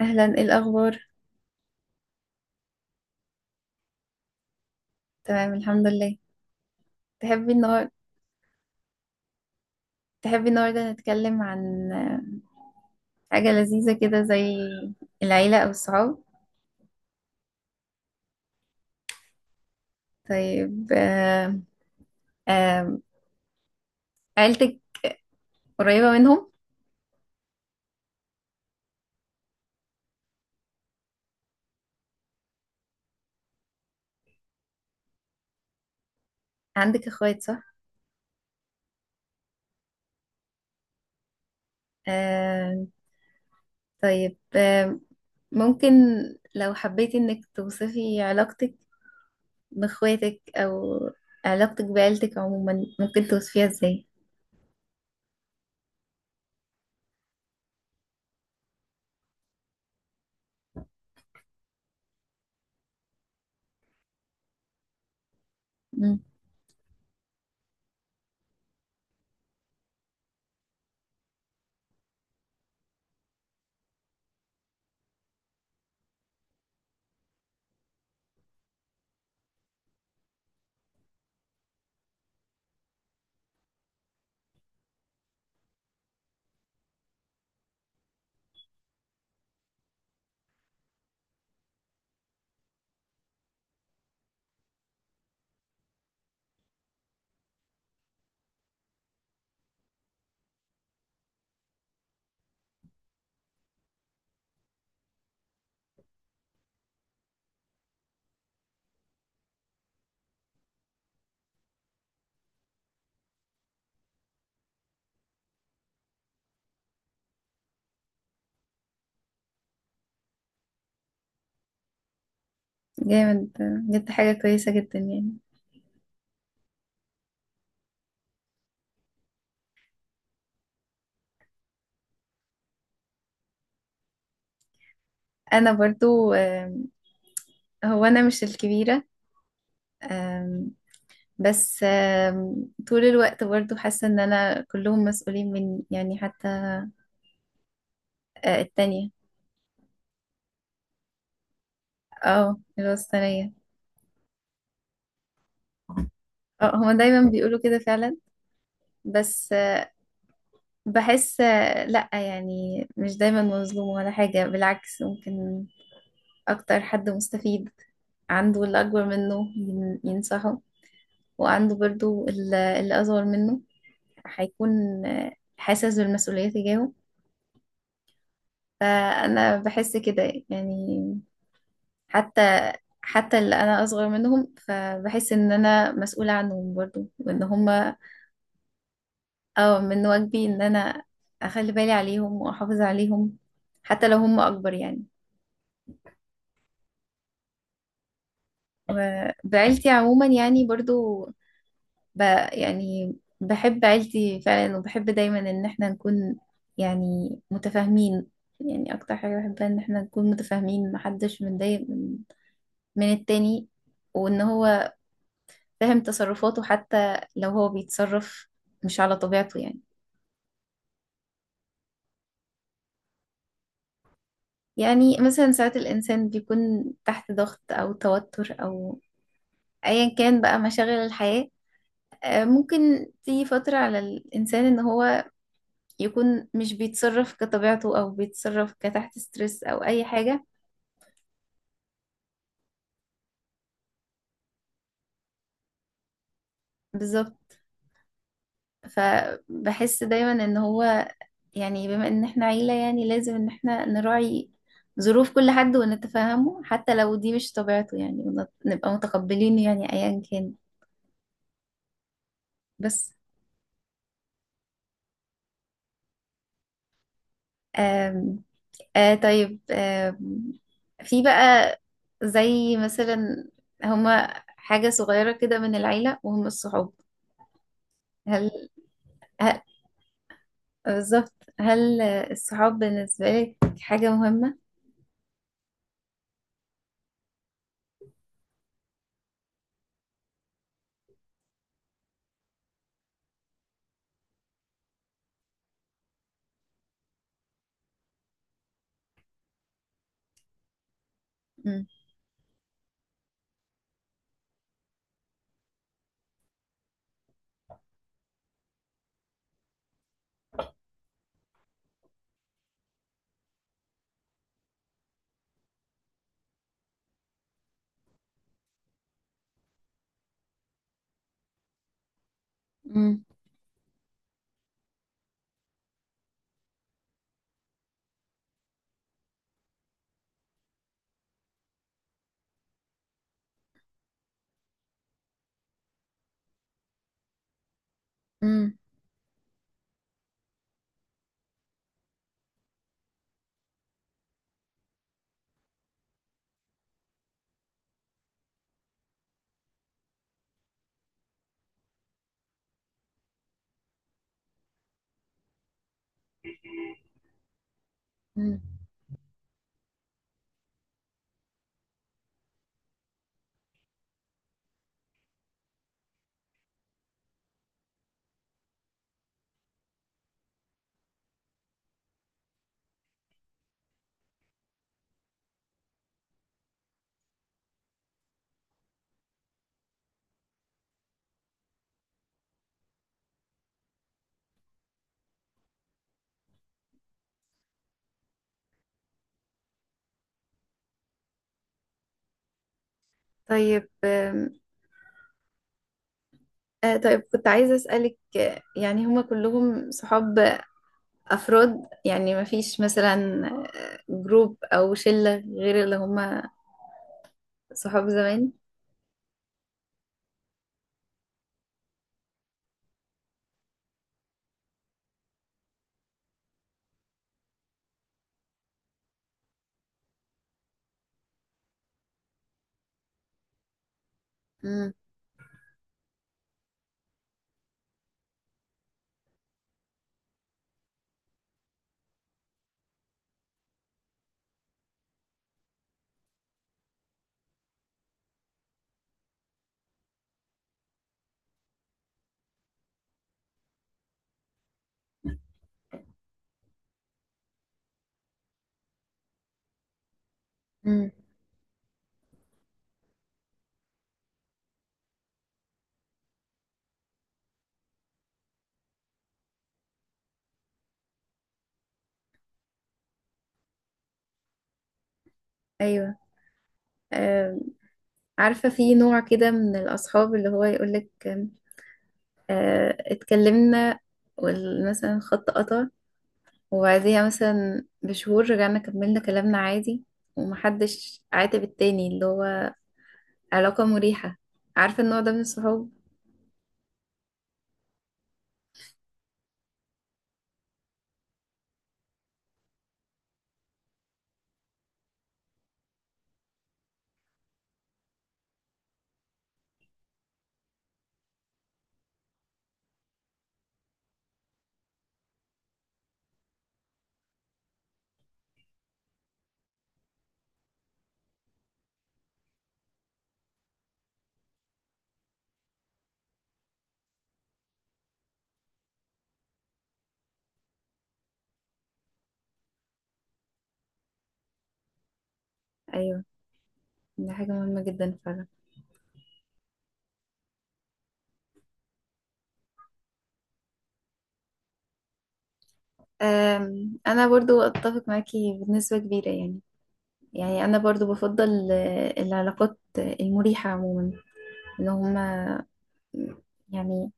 أهلا، إيه الأخبار؟ تمام، الحمد لله. تحبي النهار تحبي النهاردة نتكلم عن حاجة لذيذة كده، زي العيلة أو الصحاب. طيب. آه، عيلتك قريبة منهم؟ عندك أخوات، صح؟ آه، طيب ممكن لو حبيتي إنك توصفي علاقتك بإخواتك أو علاقتك بعيلتك عموما، ممكن توصفيها إزاي؟ مم. جامد، بجد حاجة كويسة جدا يعني. أنا برضو هو انا مش الكبيره، أم، بس طول الوقت برضو حاسه ان انا كلهم مسؤولين مني يعني، حتى. التانية. اه، الوسطانيه. اه، هما دايما بيقولوا كده فعلا. بس بحس لا، يعني مش دايما مظلوم ولا حاجه، بالعكس، ممكن اكتر حد مستفيد. عنده اللي اكبر منه ينصحه، وعنده برضو اللي اصغر منه هيكون أه، حاسس بالمسؤوليه تجاهه. فأنا بحس كده يعني، حتى حتى اللي أنا أصغر منهم فبحس إن أنا مسؤولة عنهم برضو، وإن هما أو من واجبي إن أنا أخلي بالي عليهم وأحافظ عليهم، حتى لو هما أكبر يعني. وبعيلتي عموما يعني برضو، ب، يعني بحب عيلتي فعلا، وبحب دايما إن احنا نكون يعني متفاهمين. يعني أكتر حاجة بحبها إن احنا نكون متفاهمين، محدش متضايق من التاني، وان هو فاهم تصرفاته حتى لو هو بيتصرف مش على طبيعته يعني. يعني مثلا ساعات الإنسان بيكون تحت ضغط أو توتر أو أيا كان بقى مشاغل الحياة، ممكن تيجي فترة على الإنسان إن هو يكون مش بيتصرف كطبيعته، أو بيتصرف كتحت ستريس أو أي حاجة. بالظبط. فبحس دايما إن هو يعني، بما ان احنا عيلة يعني لازم ان احنا نراعي ظروف كل حد ونتفاهمه، حتى لو دي مش طبيعته يعني، نبقى متقبلينه يعني ايا كان. بس. آم آه طيب. في بقى، زي مثلا، هما حاجة صغيرة كده من العيلة وهم الصحاب. هل, هل بالظبط. هل الصحاب بالنسبة لك حاجة مهمة؟ مم. مم. مم. مم. طيب، طيب، كنت عايزة أسألك يعني هما كلهم صحاب أفراد، يعني ما فيش مثلا جروب أو شلة غير اللي هما صحاب زمان. امم. امم. أيوة. آه عارفة في نوع كده من الأصحاب، اللي هو يقولك اتكلمنا مثلا، خط قطع، وبعديها مثلا بشهور رجعنا كملنا كلامنا عادي، ومحدش عاتب التاني، اللي هو علاقة مريحة. عارفة النوع ده من الصحاب؟ أيوة، دي حاجة مهمة جدا فعلا. أنا برضو أتفق معاكي بنسبة كبيرة يعني. يعني أنا برضو بفضل العلاقات المريحة عموما. إن هما يعني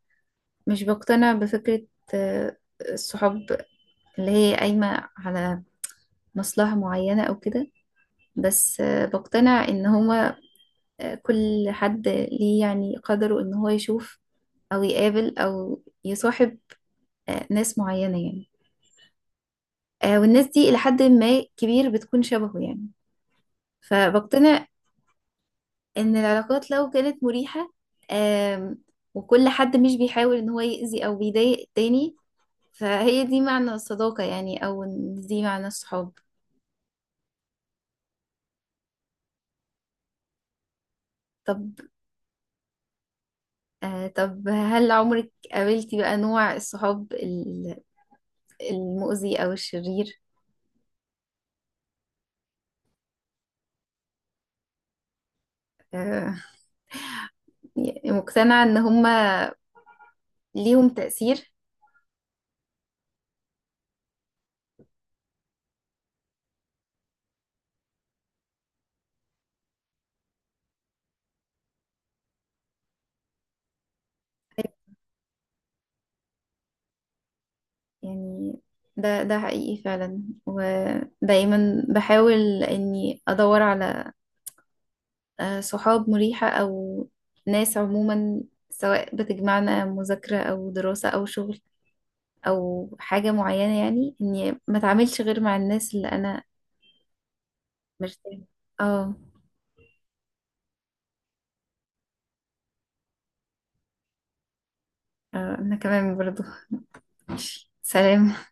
مش بقتنع بفكرة آه، الصحاب اللي هي قايمة على مصلحة معينة أو كده. بس بقتنع إن هما كل حد ليه يعني قدره إن هو يشوف أو يقابل أو يصاحب ناس معينة يعني. والناس دي إلى حد ما كبير بتكون شبهه يعني. فبقتنع ان العلاقات لو كانت مريحة، آم، وكل حد مش بيحاول ان هو يأذي او بيضايق التاني، فهي دي معنى الصداقة يعني، او إن دي معنى الصحاب. طب. طب، هل عمرك قابلتي بقى نوع الصحاب المؤذي او الشرير؟ آه يعني مقتنعة ان هما ليهم تأثير. يعني ده حقيقي فعلا، ودايما بحاول اني ادور على صحاب مريحة أو ناس عموما، سواء بتجمعنا مذاكرة أو دراسة أو شغل أو حاجة معينة، يعني إني ما أتعاملش غير مع الناس اللي أنا مرتاحة. اه. أنا كمان برضو. سلام.